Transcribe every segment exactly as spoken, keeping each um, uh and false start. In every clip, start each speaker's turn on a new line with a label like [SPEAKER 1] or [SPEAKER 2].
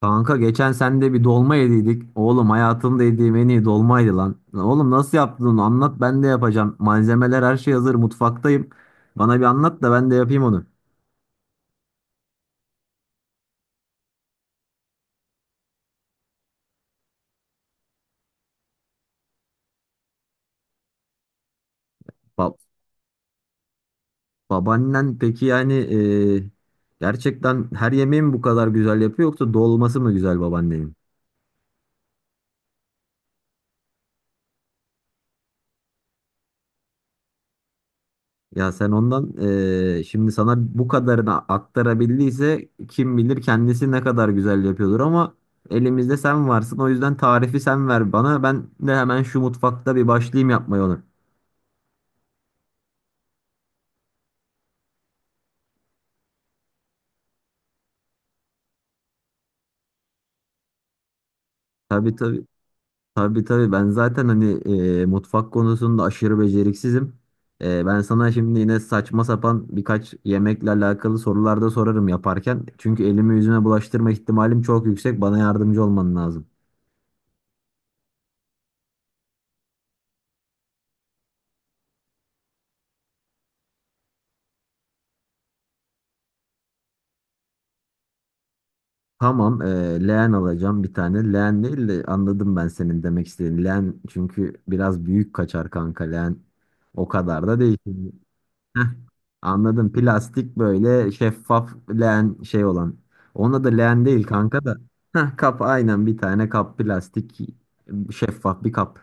[SPEAKER 1] Kanka geçen sende bir dolma yediydik. Oğlum, hayatımda yediğim en iyi dolmaydı lan. Lan oğlum, nasıl yaptın onu? Anlat, ben de yapacağım. Malzemeler, her şey hazır, mutfaktayım. Bana bir anlat da ben de yapayım onu. Ba- babaannen peki, yani e, gerçekten her yemeği mi bu kadar güzel yapıyor, yoksa dolması mı güzel babaannenin? Ya sen ondan eee, şimdi sana bu kadarını aktarabildiyse, kim bilir kendisi ne kadar güzel yapıyordur ama elimizde sen varsın. O yüzden tarifi sen ver bana, ben de hemen şu mutfakta bir başlayayım yapmaya onu. Tabii, tabii, tabii, tabii, ben zaten hani eee, mutfak konusunda aşırı beceriksizim. Eee, ben sana şimdi yine saçma sapan birkaç yemekle alakalı sorular da sorarım yaparken, çünkü elimi yüzüme bulaştırma ihtimalim çok yüksek, bana yardımcı olman lazım. Tamam, eee leğen alacağım bir tane. Leğen değil de, anladım ben senin demek istediğin. Leğen çünkü biraz büyük kaçar kanka, leğen. O kadar da değil. Heh, anladım. Plastik, böyle şeffaf leğen şey olan. Ona da leğen değil kanka da. Heh, kap, aynen, bir tane kap, plastik şeffaf bir kap.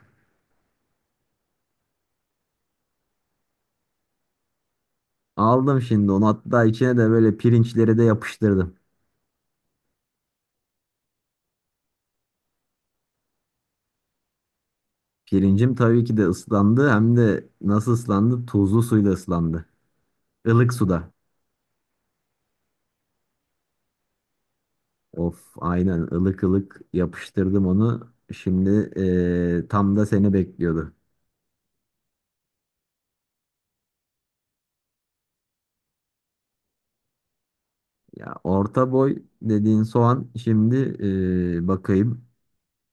[SPEAKER 1] Aldım şimdi onu, hatta içine de böyle pirinçleri de yapıştırdım. Pirincim tabii ki de ıslandı, hem de nasıl ıslandı? Tuzlu suyla ıslandı. Ilık suda. Of, aynen, ılık ılık yapıştırdım onu. Şimdi eee, tam da seni bekliyordu. Ya orta boy dediğin soğan, şimdi eee, bakayım.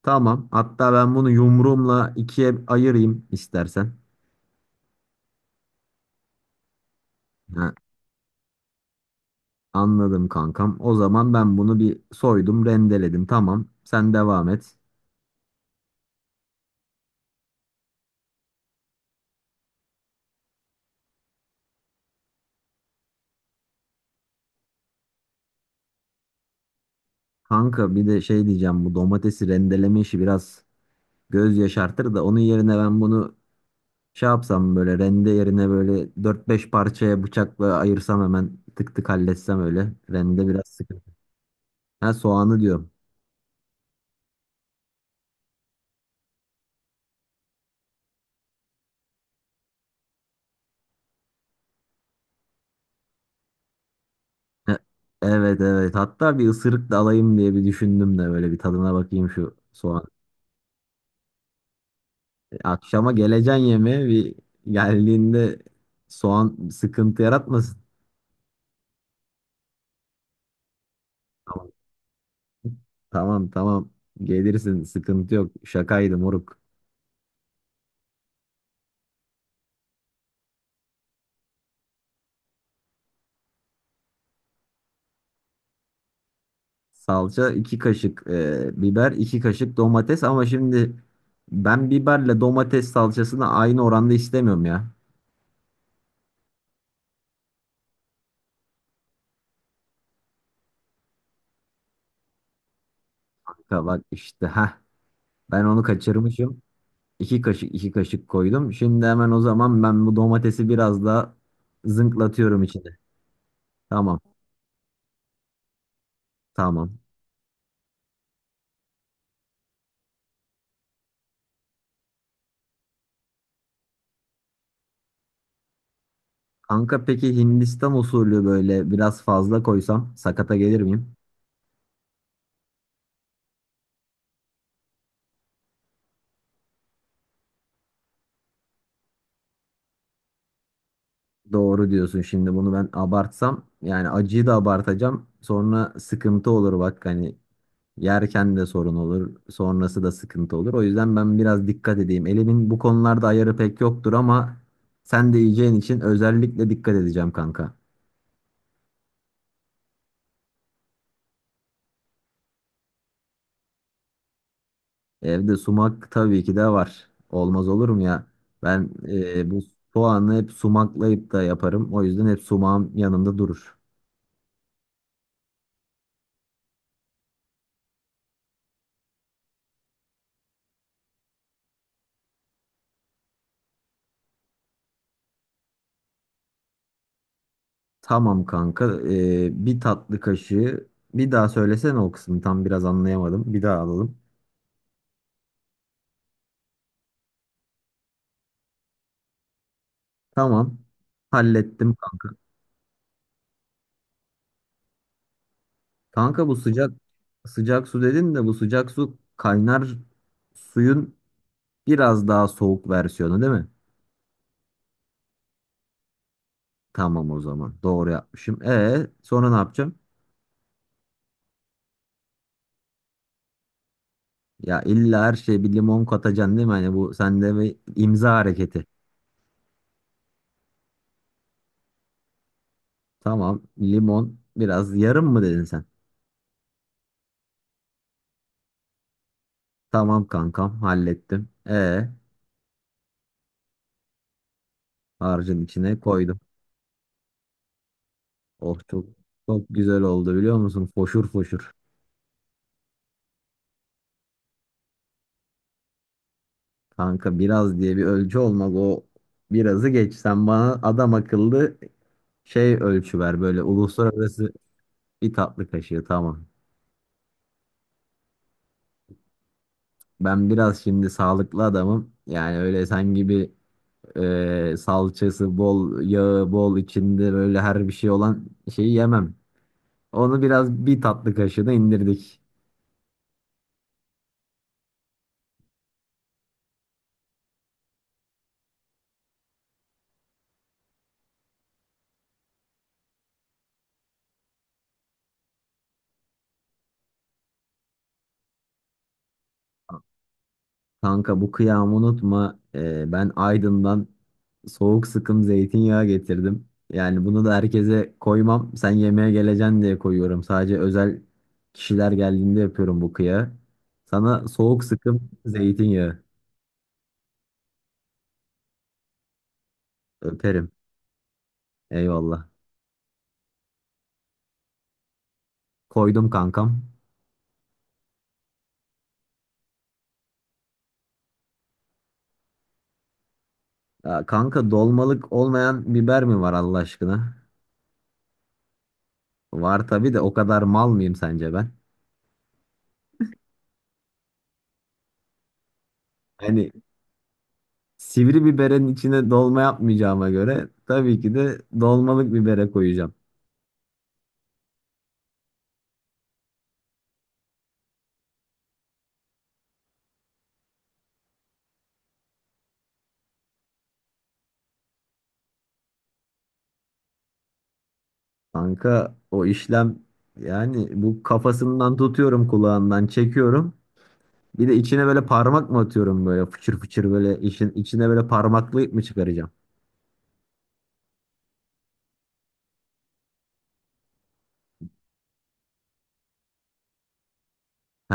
[SPEAKER 1] Tamam. Hatta ben bunu yumruğumla ikiye ayırayım istersen. Ha, anladım kankam. O zaman ben bunu bir soydum, rendeledim. Tamam. Sen devam et. Kanka bir de şey diyeceğim, bu domatesi rendeleme işi biraz göz yaşartır da, onun yerine ben bunu şey yapsam, böyle rende yerine böyle dört beş parçaya bıçakla ayırsam, hemen tık tık halletsem öyle. Rende biraz sıkıntı. Ha, soğanı diyorum. Ha, evet, evet, hatta bir ısırık da alayım diye bir düşündüm de, böyle bir tadına bakayım şu soğan. Akşama geleceğin yemeğe, bir geldiğinde soğan sıkıntı yaratmasın. Tamam, tamam, tamam, gelirsin, sıkıntı yok, şakaydı moruk. Salça iki kaşık, e, biber iki kaşık, domates, ama şimdi ben biberle domates salçasını aynı oranda istemiyorum ya. Kanka, bak işte, ha, ben onu kaçırmışım. iki kaşık, iki kaşık koydum. Şimdi hemen o zaman ben bu domatesi biraz daha zınklatıyorum içine. Tamam, tamam. Kanka peki Hindistan usulü böyle biraz fazla koysam sakata gelir miyim? Doğru diyorsun, şimdi bunu ben abartsam, yani acıyı da abartacağım, sonra sıkıntı olur bak, hani yerken de sorun olur, sonrası da sıkıntı olur. O yüzden ben biraz dikkat edeyim. Elimin bu konularda ayarı pek yoktur ama sen de yiyeceğin için özellikle dikkat edeceğim kanka. Evde sumak tabii ki de var. Olmaz olur mu ya? Ben e, bu soğanı hep sumaklayıp da yaparım. O yüzden hep sumağım yanımda durur. Tamam kanka. E, bir tatlı kaşığı. Bir daha söylesene o kısmı. Tam biraz anlayamadım. Bir daha alalım. Tamam. Hallettim kanka. Kanka bu sıcak sıcak su dedin de, bu sıcak su, kaynar suyun biraz daha soğuk versiyonu değil mi? Tamam, o zaman doğru yapmışım. E sonra ne yapacağım? Ya illa her şeye bir limon katacaksın değil mi? Hani bu sende bir imza hareketi. Tamam, limon biraz, yarım mı dedin sen? Tamam kankam, hallettim. E harcın içine koydum. Oh, çok çok güzel oldu biliyor musun? Foşur foşur. Kanka, biraz diye bir ölçü olmaz, o birazı geç. Sen bana adam akıllı şey, ölçü ver, böyle uluslararası. Bir tatlı kaşığı, tamam. Ben biraz şimdi sağlıklı adamım. Yani öyle sen gibi e, salçası bol, yağı bol, içinde böyle her bir şey olan şeyi yemem. Onu biraz bir tatlı kaşığına indirdik. Kanka, bu kıyamı unutma. Ee, ben Aydın'dan soğuk sıkım zeytinyağı getirdim. Yani bunu da herkese koymam. Sen yemeğe geleceksin diye koyuyorum. Sadece özel kişiler geldiğinde yapıyorum bu kıyağı. Sana soğuk sıkım zeytinyağı. Öperim. Eyvallah. Koydum kankam. Ya kanka, dolmalık olmayan biber mi var Allah aşkına? Var tabii de, o kadar mal mıyım sence ben? Hani sivri biberin içine dolma yapmayacağıma göre, tabii ki de dolmalık bibere koyacağım. Kanka o işlem, yani bu, kafasından tutuyorum, kulağından çekiyorum. Bir de içine böyle parmak mı atıyorum, böyle fıçır fıçır böyle işin içine böyle parmaklayıp mı çıkaracağım? He,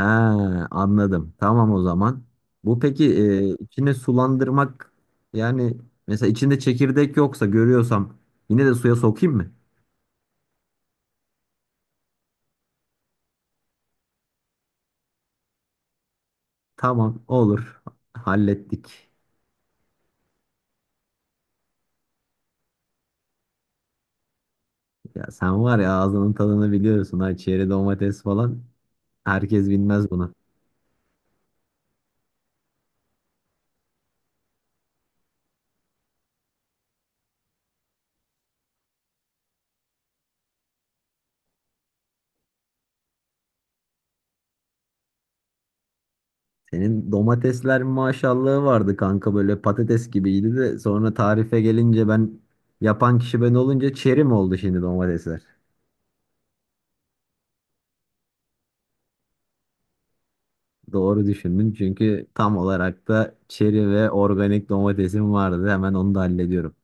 [SPEAKER 1] anladım. Tamam, o zaman. Bu peki, e, içine sulandırmak, yani mesela içinde çekirdek yoksa, görüyorsam, yine de suya sokayım mı? Tamam, olur. Hallettik. Ya sen var ya, ağzının tadını biliyorsun ha, çeri domates falan herkes bilmez bunu. Senin domatesler maşallahı vardı kanka, böyle patates gibiydi de, sonra tarife gelince ben, yapan kişi ben olunca, çeri mi oldu şimdi domatesler? Doğru düşündün, çünkü tam olarak da çeri ve organik domatesim vardı, hemen onu da hallediyorum.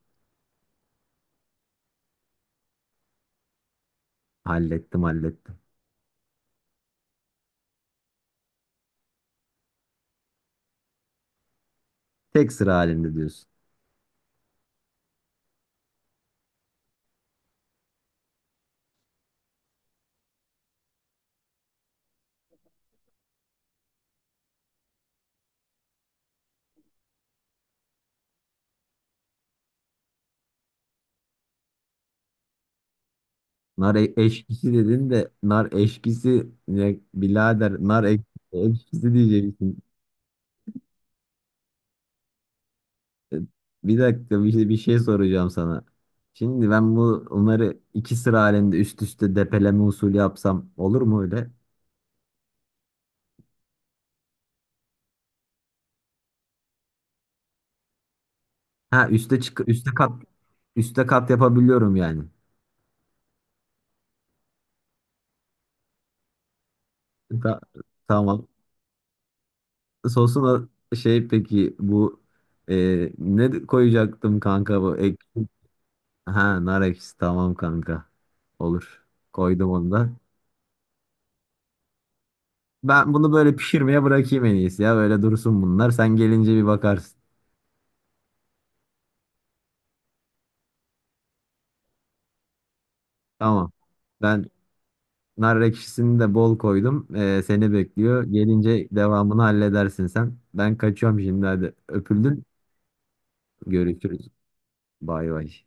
[SPEAKER 1] Hallettim, hallettim. Tek sıra halinde diyorsun. Nar e- eşkisi dedin de, nar eşkisi ne birader? Nar ek- eşkisi diyeceksin. E, Bir dakika, bir, şey- bir şey soracağım sana. Şimdi ben bu, onları iki sıra halinde üst üste depeleme usulü yapsam olur mu öyle? Ha, üste çık, üste kat, üste kat yapabiliyorum yani. Ta- tamam. Sosuna şey peki, bu e, ne koyacaktım kanka, bu ek ha, nar ekşisi, tamam kanka. Olur. Koydum onu da. Ben bunu böyle pişirmeye bırakayım en iyisi ya. Böyle dursun bunlar. Sen gelince bir bakarsın. Tamam. Ben, nar ekşisini de bol koydum. Ee, seni bekliyor. Gelince devamını halledersin sen. Ben kaçıyorum şimdi, hadi. Öpüldün. Görüşürüz. Bay bay.